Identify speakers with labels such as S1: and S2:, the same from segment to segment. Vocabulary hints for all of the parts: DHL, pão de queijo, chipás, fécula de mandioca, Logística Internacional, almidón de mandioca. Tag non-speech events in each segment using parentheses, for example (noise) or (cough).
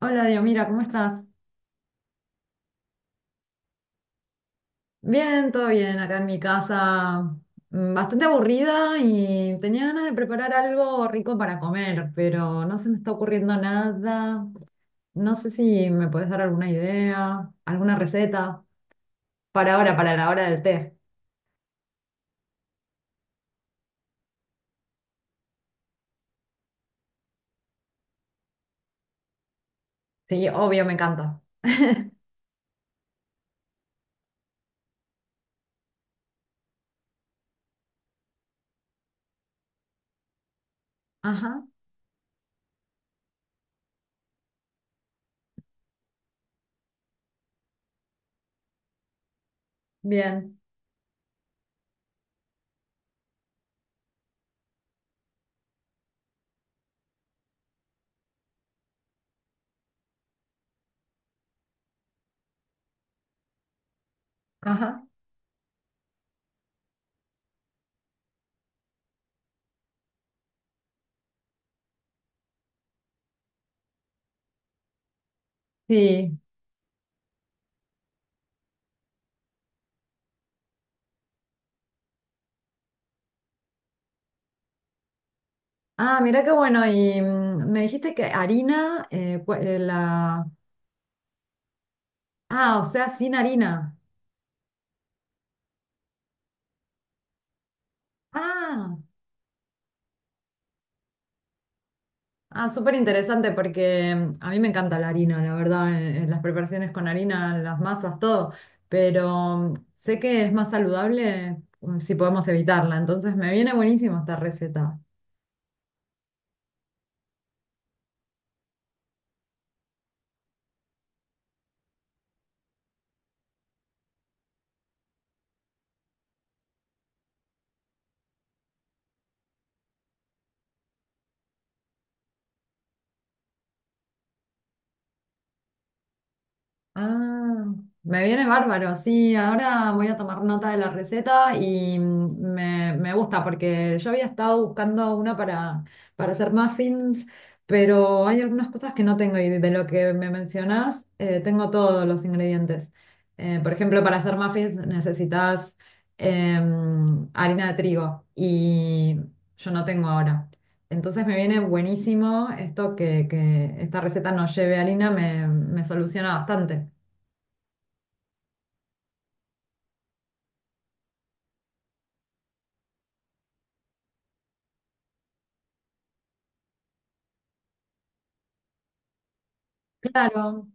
S1: Hola, Dios, mira, ¿cómo estás? Bien, todo bien, acá en mi casa, bastante aburrida y tenía ganas de preparar algo rico para comer, pero no se me está ocurriendo nada. No sé si me puedes dar alguna idea, alguna receta para ahora, para la hora del té. Sí, obvio, me encanta. (laughs) Ajá, bien, ajá, sí. Ah, mira qué bueno, y me dijiste que harina, la... Ah, o sea, sin harina. Ah. Ah, súper interesante porque a mí me encanta la harina, la verdad, en las preparaciones con harina, las masas, todo, pero sé que es más saludable si podemos evitarla, entonces me viene buenísimo esta receta. Ah, me viene bárbaro, sí, ahora voy a tomar nota de la receta y me gusta porque yo había estado buscando una para hacer muffins, pero hay algunas cosas que no tengo y de lo que me mencionás tengo todos los ingredientes. Por ejemplo, para hacer muffins necesitas harina de trigo y yo no tengo ahora. Entonces me viene buenísimo esto que esta receta no lleve harina, me soluciona bastante. Claro,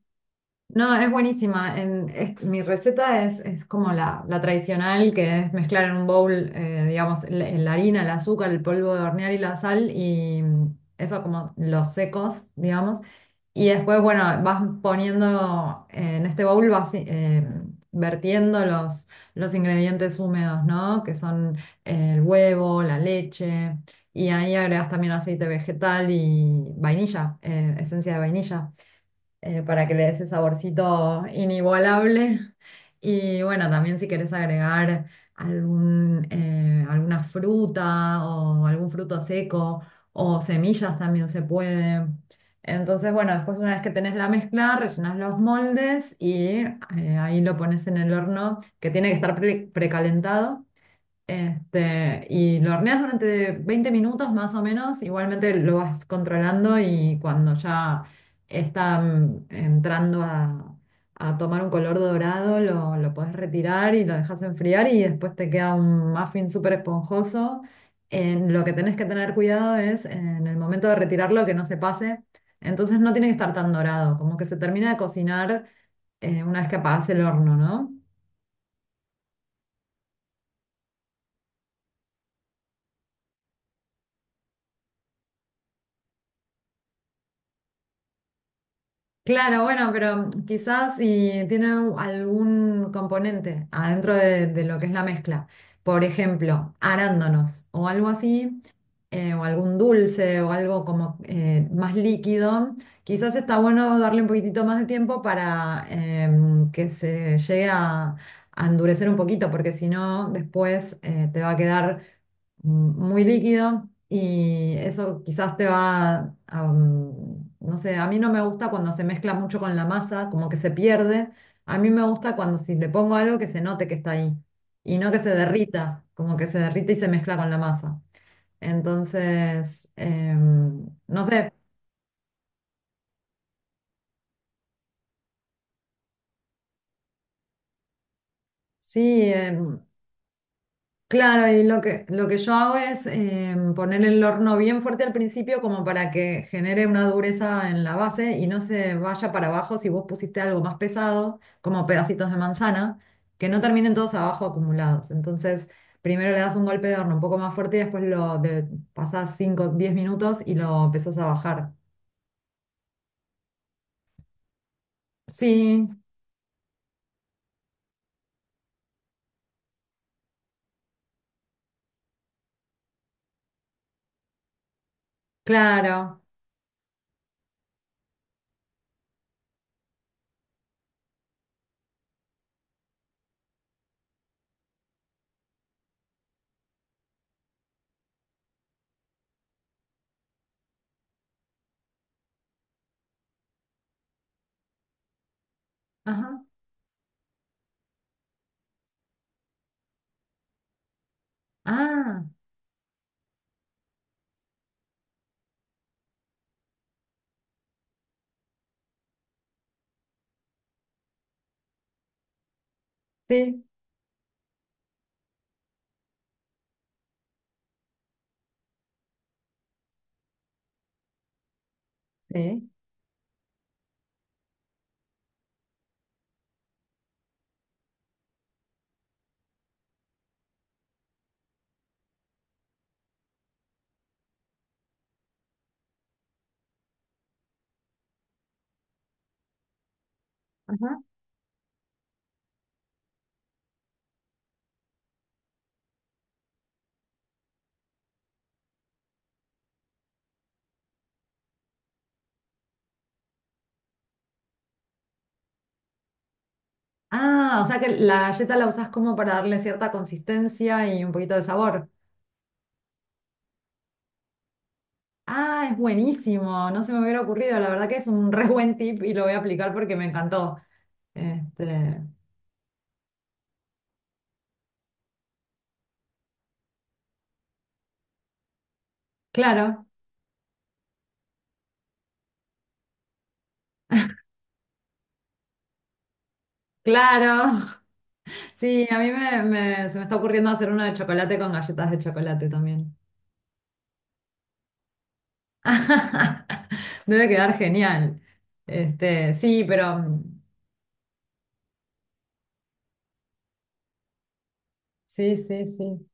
S1: no, es buenísima. Mi receta es como la tradicional, que es mezclar en un bowl, digamos, la harina, el azúcar, el polvo de hornear y la sal, y eso como los secos, digamos. Y después, bueno, vas poniendo en este bowl, vas vertiendo los ingredientes húmedos, ¿no? Que son el huevo, la leche, y ahí agregas también aceite vegetal y vainilla, esencia de vainilla para que le dé ese saborcito inigualable. Y bueno, también si querés agregar alguna fruta o algún fruto seco o semillas también se puede. Entonces, bueno, después una vez que tenés la mezcla, rellenás los moldes y ahí lo pones en el horno que tiene que estar precalentado y lo horneas durante 20 minutos más o menos, igualmente lo vas controlando y cuando ya está entrando a tomar un color dorado, lo puedes retirar y lo dejas enfriar y después te queda un muffin súper esponjoso. En lo que tenés que tener cuidado es en el momento de retirarlo que no se pase, entonces no tiene que estar tan dorado, como que se termina de cocinar una vez que apagás el horno, ¿no? Claro, bueno, pero quizás si tiene algún componente adentro de lo que es la mezcla, por ejemplo, arándanos o algo así, o algún dulce o algo como más líquido, quizás está bueno darle un poquitito más de tiempo para que se llegue a endurecer un poquito, porque si no, después te va a quedar muy líquido y eso quizás te va a, no sé, a mí no me gusta cuando se mezcla mucho con la masa, como que se pierde. A mí me gusta cuando si le pongo algo que se note que está ahí y no que se derrita, como que se derrite y se mezcla con la masa. Entonces, no sé, sí, claro, y lo que yo hago es poner el horno bien fuerte al principio como para que genere una dureza en la base y no se vaya para abajo si vos pusiste algo más pesado, como pedacitos de manzana, que no terminen todos abajo acumulados. Entonces, primero le das un golpe de horno un poco más fuerte y después pasás 5 o 10 minutos y lo empezás a bajar. Sí, claro. Ajá. Ah, sí, sí. Ah, o sea que la galleta la usás como para darle cierta consistencia y un poquito de sabor. Ah, es buenísimo, no se me hubiera ocurrido, la verdad que es un re buen tip y lo voy a aplicar porque me encantó. Este, claro, claro. (laughs) Sí, a mí se me está ocurriendo hacer uno de chocolate con galletas de chocolate también. (laughs) Debe quedar genial. Sí, pero sí, sí, sí.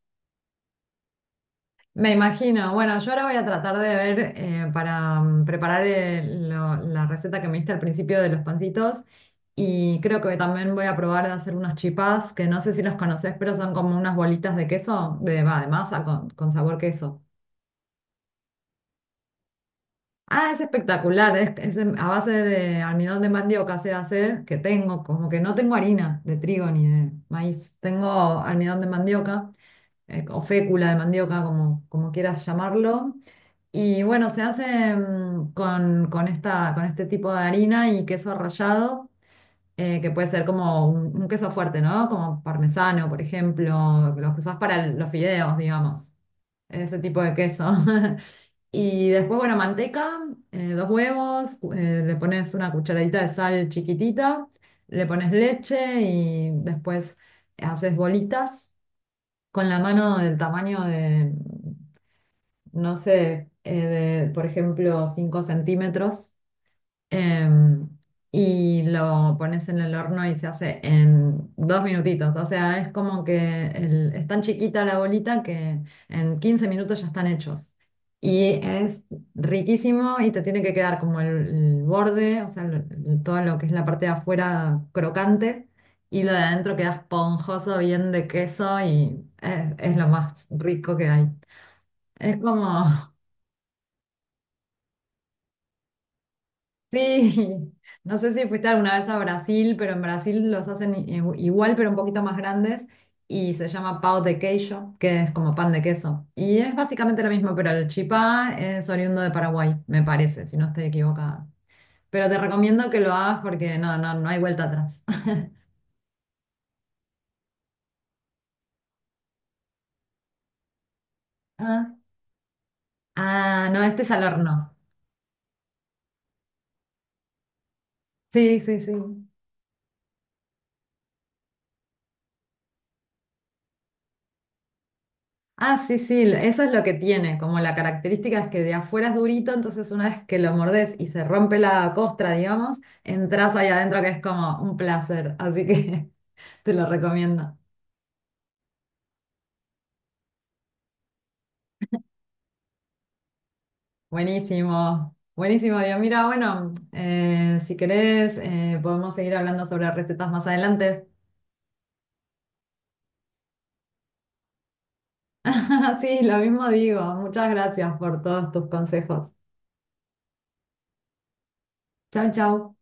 S1: Me imagino. Bueno, yo ahora voy a tratar de ver para preparar la receta que me diste al principio de los pancitos. Y creo que también voy a probar de hacer unas chipás, que no sé si los conoces, pero son como unas bolitas de queso, de masa con sabor queso. Ah, es espectacular. Es a base de almidón de mandioca se hace, que tengo, como que no tengo harina de trigo ni de maíz. Tengo almidón de mandioca. O fécula de mandioca, como quieras llamarlo. Y bueno, se hace con este tipo de harina y queso rallado, que puede ser como un queso fuerte, ¿no? Como parmesano, por ejemplo, los que usás para los fideos, digamos, ese tipo de queso. (laughs) Y después, bueno, manteca, dos huevos, le pones una cucharadita de sal chiquitita, le pones leche y después haces bolitas con la mano del tamaño de, no sé, de, por ejemplo, 5 centímetros, em, y lo pones en el horno y se hace en 2 minutitos. O sea, es como que es tan chiquita la bolita que en 15 minutos ya están hechos. Y es riquísimo y te tiene que quedar como el borde, o sea, todo lo que es la parte de afuera crocante y lo de adentro queda esponjoso, bien de queso y es lo más rico que hay. Es como Sí, (laughs) no sé si fuiste alguna vez a Brasil, pero en Brasil los hacen igual, pero un poquito más grandes y se llama pão de queijo, que es como pan de queso. Y es básicamente lo mismo, pero el chipá es oriundo de Paraguay, me parece, si no estoy equivocada. Pero te recomiendo que lo hagas porque no, no, no hay vuelta atrás. (laughs) Ah, Ah, no, este es al horno. Sí, sí, sí. Ah, sí, sí, eso es lo que tiene, como la característica es que de afuera es durito, entonces una vez que lo mordés y se rompe la costra, digamos, entras ahí adentro que es como un placer, así que (laughs) te lo recomiendo. Buenísimo, buenísimo, Dios. Mira, bueno, si querés, podemos seguir hablando sobre recetas más adelante. (laughs) Sí, lo mismo digo, muchas gracias por todos tus consejos. Chau, chau.